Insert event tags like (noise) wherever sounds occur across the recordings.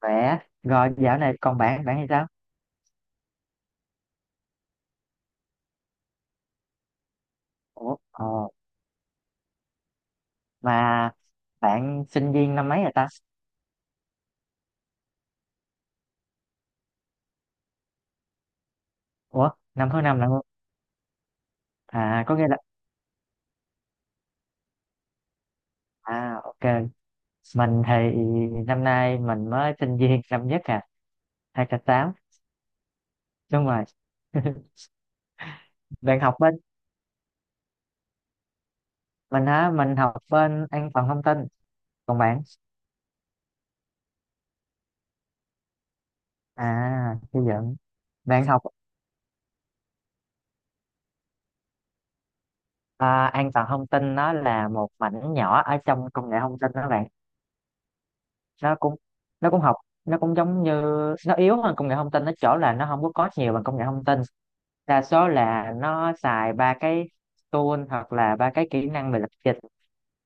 Khỏe. Rồi dạo này còn bạn hay sao? Ủa, ồ, mà bạn sinh viên năm mấy rồi ta? Ủa, năm thứ năm là không? À, có nghĩa là, à, ok. Mình thì năm nay mình mới sinh viên năm nhất à, 2k8. Đúng rồi. (laughs) Bạn học bên, mình hả? Mình học bên an toàn thông tin. Còn bạn? À, xây dựng. Bạn học an toàn thông tin nó là một mảnh nhỏ ở trong công nghệ thông tin đó bạn. Nó cũng nó cũng học nó cũng giống như Nó yếu hơn công nghệ thông tin nó chỗ là nó không có code nhiều bằng công nghệ thông tin, đa số là nó xài ba cái tool hoặc là ba cái kỹ năng về lập trình.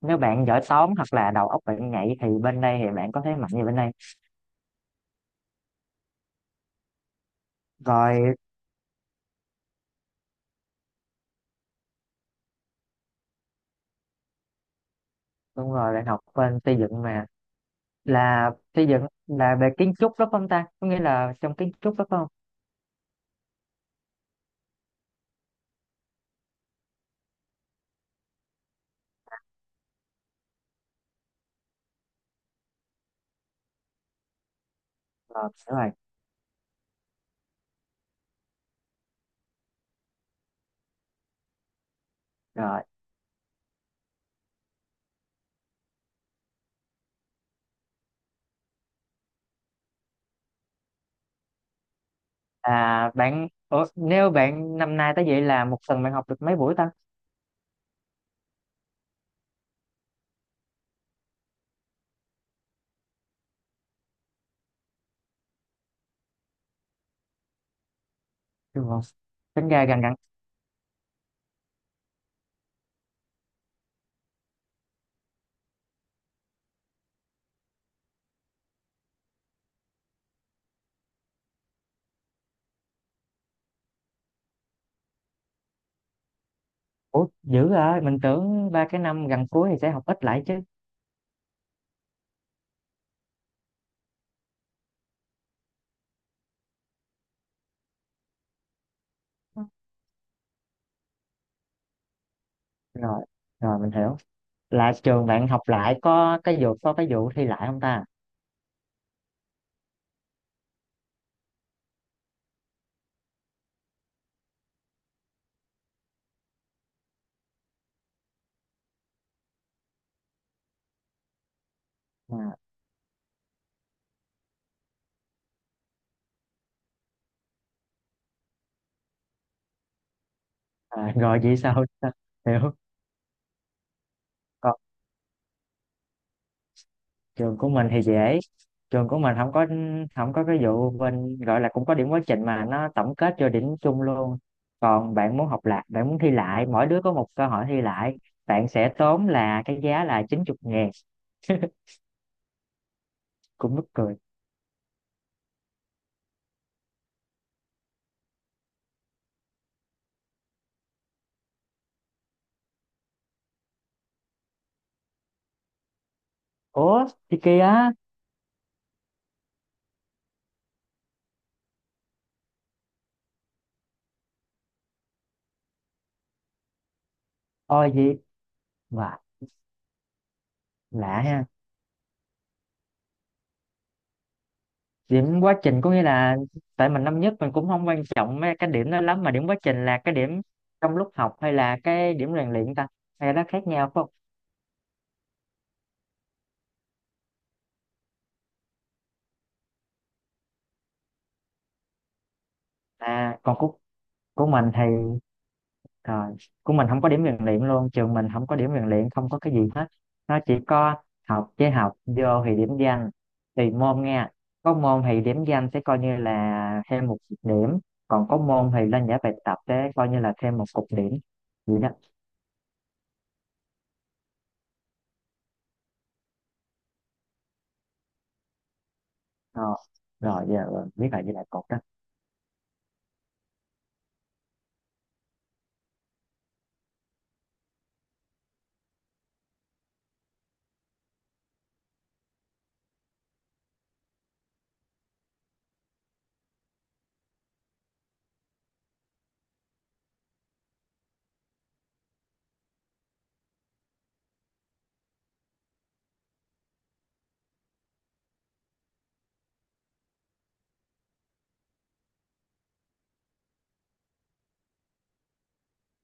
Nếu bạn giỏi toán hoặc là đầu óc bạn nhạy thì bên đây thì bạn có thế mạnh như bên đây. Rồi, đúng rồi, bạn học bên xây dựng mà. Là xây dựng là về kiến trúc đó phải không ta, có nghĩa là trong kiến trúc đó phải không? Rồi, đúng rồi. Rồi à nếu bạn năm nay tới vậy là một tuần bạn học được mấy buổi ta, đúng không? Tính ra gần gần. Ủa, dữ rồi, mình tưởng ba cái năm gần cuối thì sẽ học ít lại chứ. Rồi, rồi mình hiểu. Là trường bạn học lại có cái vụ thi lại không ta? À. À, (laughs) rồi vậy sao? (laughs) Hiểu. Còn trường của mình thì dễ. Trường của mình không có, không có cái vụ bên gọi là cũng có điểm quá trình mà nó tổng kết cho điểm chung luôn. Còn bạn muốn học lại, bạn muốn thi lại, mỗi đứa có một cơ hội thi lại, bạn sẽ tốn là cái giá là 90.000, cũng mắc cười. Ủa, thì kia á, ôi gì? Mà lạ ha. Điểm quá trình có nghĩa là, tại mình năm nhất mình cũng không quan trọng mấy cái điểm đó lắm, mà điểm quá trình là cái điểm trong lúc học hay là cái điểm rèn luyện ta, hay nó khác nhau phải không? À, còn của mình thì rồi, của mình không có điểm rèn luyện luôn, trường mình không có điểm rèn luyện, không có cái gì hết. Nó chỉ có học, với học vô thì điểm danh, tùy môn nha. Có môn thì điểm danh sẽ coi như là thêm một điểm, còn có môn thì lên giải bài tập sẽ coi như là thêm một cục điểm, vậy đó. Ờ, rồi giờ biết là với lại cột đó.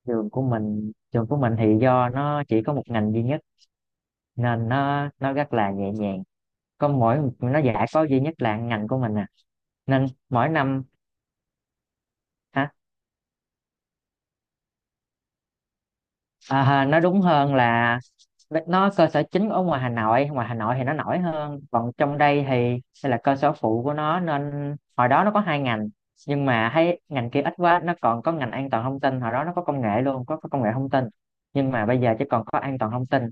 Trường của mình thì do nó chỉ có một ngành duy nhất nên nó rất là nhẹ nhàng, có mỗi nó giải có duy nhất là ngành của mình à, nên mỗi năm. À, ha, nó đúng hơn là nó cơ sở chính ở ngoài Hà Nội thì nó nổi hơn, còn trong đây thì đây là cơ sở phụ của nó, nên hồi đó nó có hai ngành. Nhưng mà thấy ngành kia ít quá, nó còn có ngành an toàn thông tin, hồi đó nó có công nghệ luôn, có công nghệ thông tin, nhưng mà bây giờ chỉ còn có an toàn thông tin.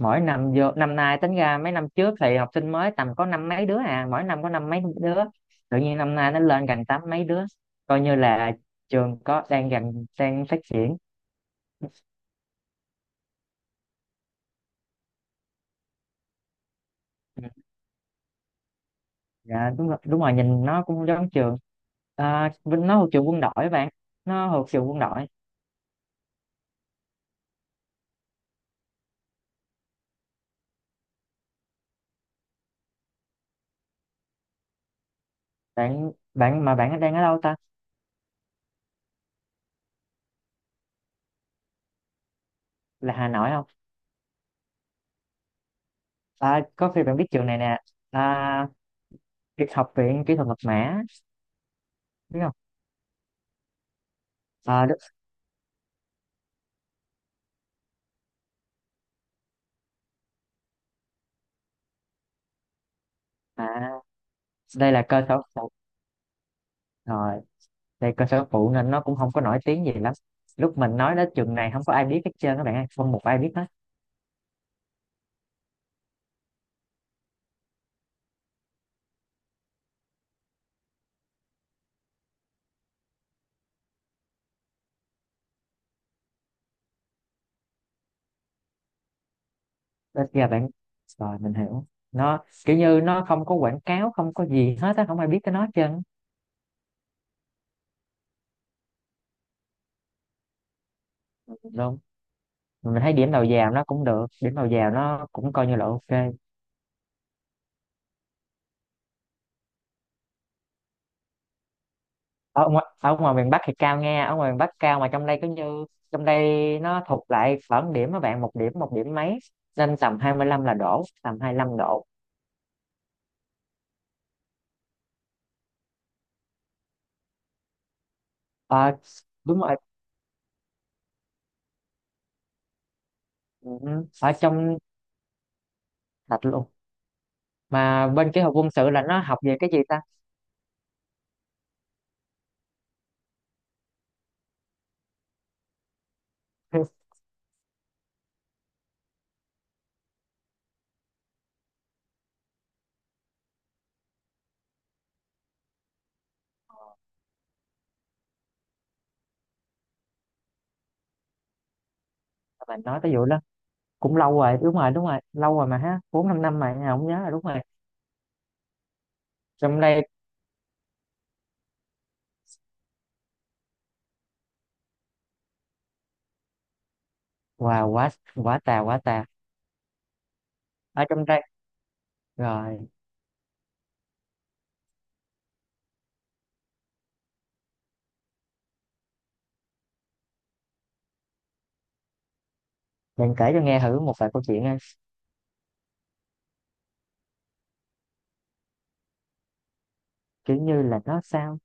Mỗi năm vô năm nay tính ra mấy năm trước thì học sinh mới tầm có năm mấy đứa à, mỗi năm có năm mấy đứa, tự nhiên năm nay nó lên gần tám mấy đứa, coi như là trường có đang gần đang phát triển. Dạ đúng rồi, đúng rồi, nhìn nó cũng giống trường. À, Vinh nó thuộc trường quân đội bạn, nó thuộc trường quân đội. Bạn bạn mà bạn đang ở đâu ta, là Hà Nội không? À, có khi bạn biết trường này nè. À, Kỹ- học viện kỹ thuật mật mã, biết không? À, đúng. À, đây là cơ sở phụ, rồi đây cơ sở phụ nên nó cũng không có nổi tiếng gì lắm. Lúc mình nói đến trường này không có ai biết hết trơn các bạn ơi, không một ai biết hết. Đến giờ bạn, rồi mình hiểu. Nó kiểu như nó không có quảng cáo, không có gì hết á, không ai biết cái nó hết trơn. Đúng. Mình thấy điểm đầu vào nó cũng được, điểm đầu vào nó cũng coi như là ok. Ở ngoài miền Bắc thì cao, nghe ở ngoài miền Bắc cao, mà trong đây cứ như, trong đây nó thuộc lại khoảng điểm các bạn một điểm mấy, nên tầm 25 là đổ tầm 25 độ. Ờ, đúng rồi, ừ, ở trong, thật luôn, mà bên cái học quân sự là nó học về cái gì ta? (laughs) Mình nói tới vụ đó cũng lâu rồi, đúng rồi, đúng rồi, lâu rồi mà ha, bốn năm năm mà không nhớ rồi, đúng rồi. Trong đây, wow quá, quả tà quả tà. Ở trong đây. Rồi bạn kể cho nghe thử một vài câu chuyện nha. Kiểu như là nó sao?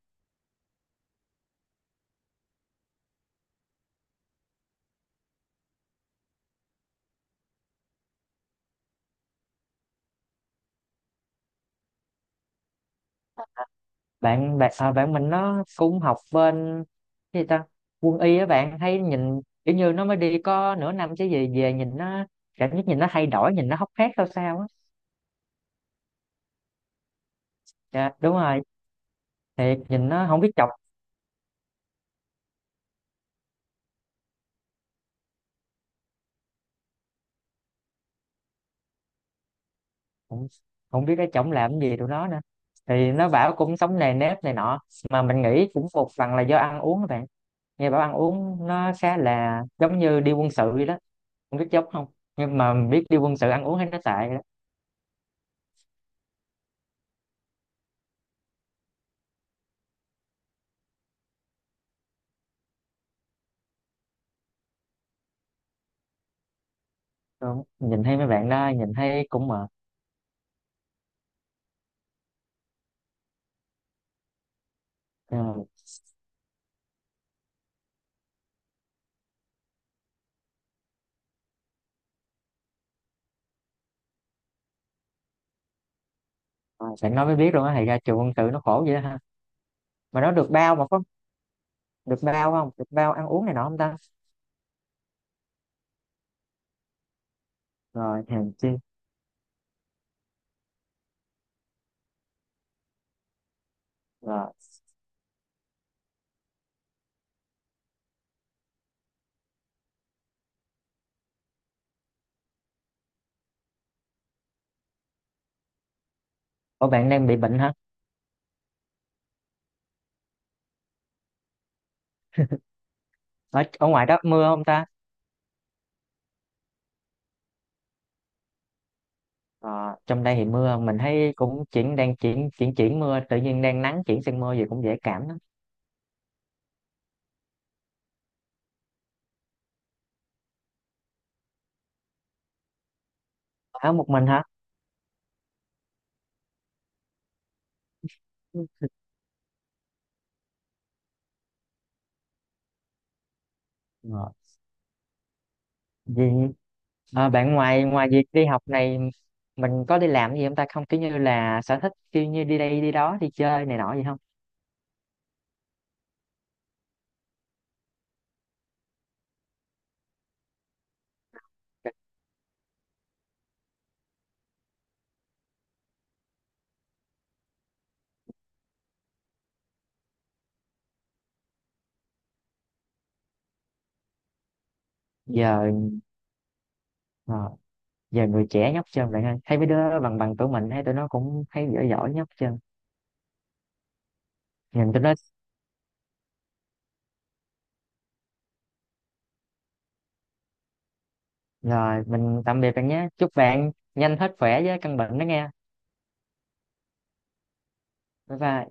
Bạn bạn à, bạn mình nó cũng học bên cái gì ta? Quân y á bạn, thấy nhìn kiểu như nó mới đi có nửa năm chứ gì, về nhìn nó, cảm giác nhìn nó thay đổi, nhìn nó hốc hác sao sao á. Dạ, đúng rồi. Thì nhìn nó không biết chọc không, không biết cái chổng làm gì tụi nó nữa. Thì nó bảo cũng sống nề nếp này nọ, mà mình nghĩ cũng một phần là do ăn uống các bạn. Nghe bảo ăn uống nó khá là giống như đi quân sự vậy đó, không biết dốc không, nhưng mà biết đi quân sự ăn uống thấy nó tệ đó. Đúng. Nhìn thấy mấy bạn đó nhìn thấy cũng mệt. Nhưng mà sẽ nói mới biết luôn á, thì ra trường quân sự nó khổ vậy đó ha. Mà nó được bao, mà có được bao không, được bao ăn uống này nọ không ta? Rồi hèn chi. Rồi. Ủa bạn đang bị bệnh hả? Ở ngoài đó mưa không ta? Ờ, trong đây thì mưa, mình thấy cũng chuyển, đang chuyển chuyển chuyển mưa, tự nhiên đang nắng chuyển sang mưa gì cũng dễ cảm lắm. Ở một mình hả? Ừ. Rồi. Gì? À, bạn ngoài ngoài việc đi học này, mình có đi làm gì không ta, không kiểu như là sở thích, kiểu như đi đây đi đó đi chơi này nọ gì không? Giờ, ờ, giờ người trẻ nhóc chân bạn ơi, thấy mấy đứa bằng bằng tuổi mình, thấy tụi nó cũng thấy giỏi giỏi nhóc chân. Nhìn tụi nó. Rồi mình tạm biệt bạn nhé, chúc bạn nhanh hết khỏe với căn bệnh đó nghe. Bye bye.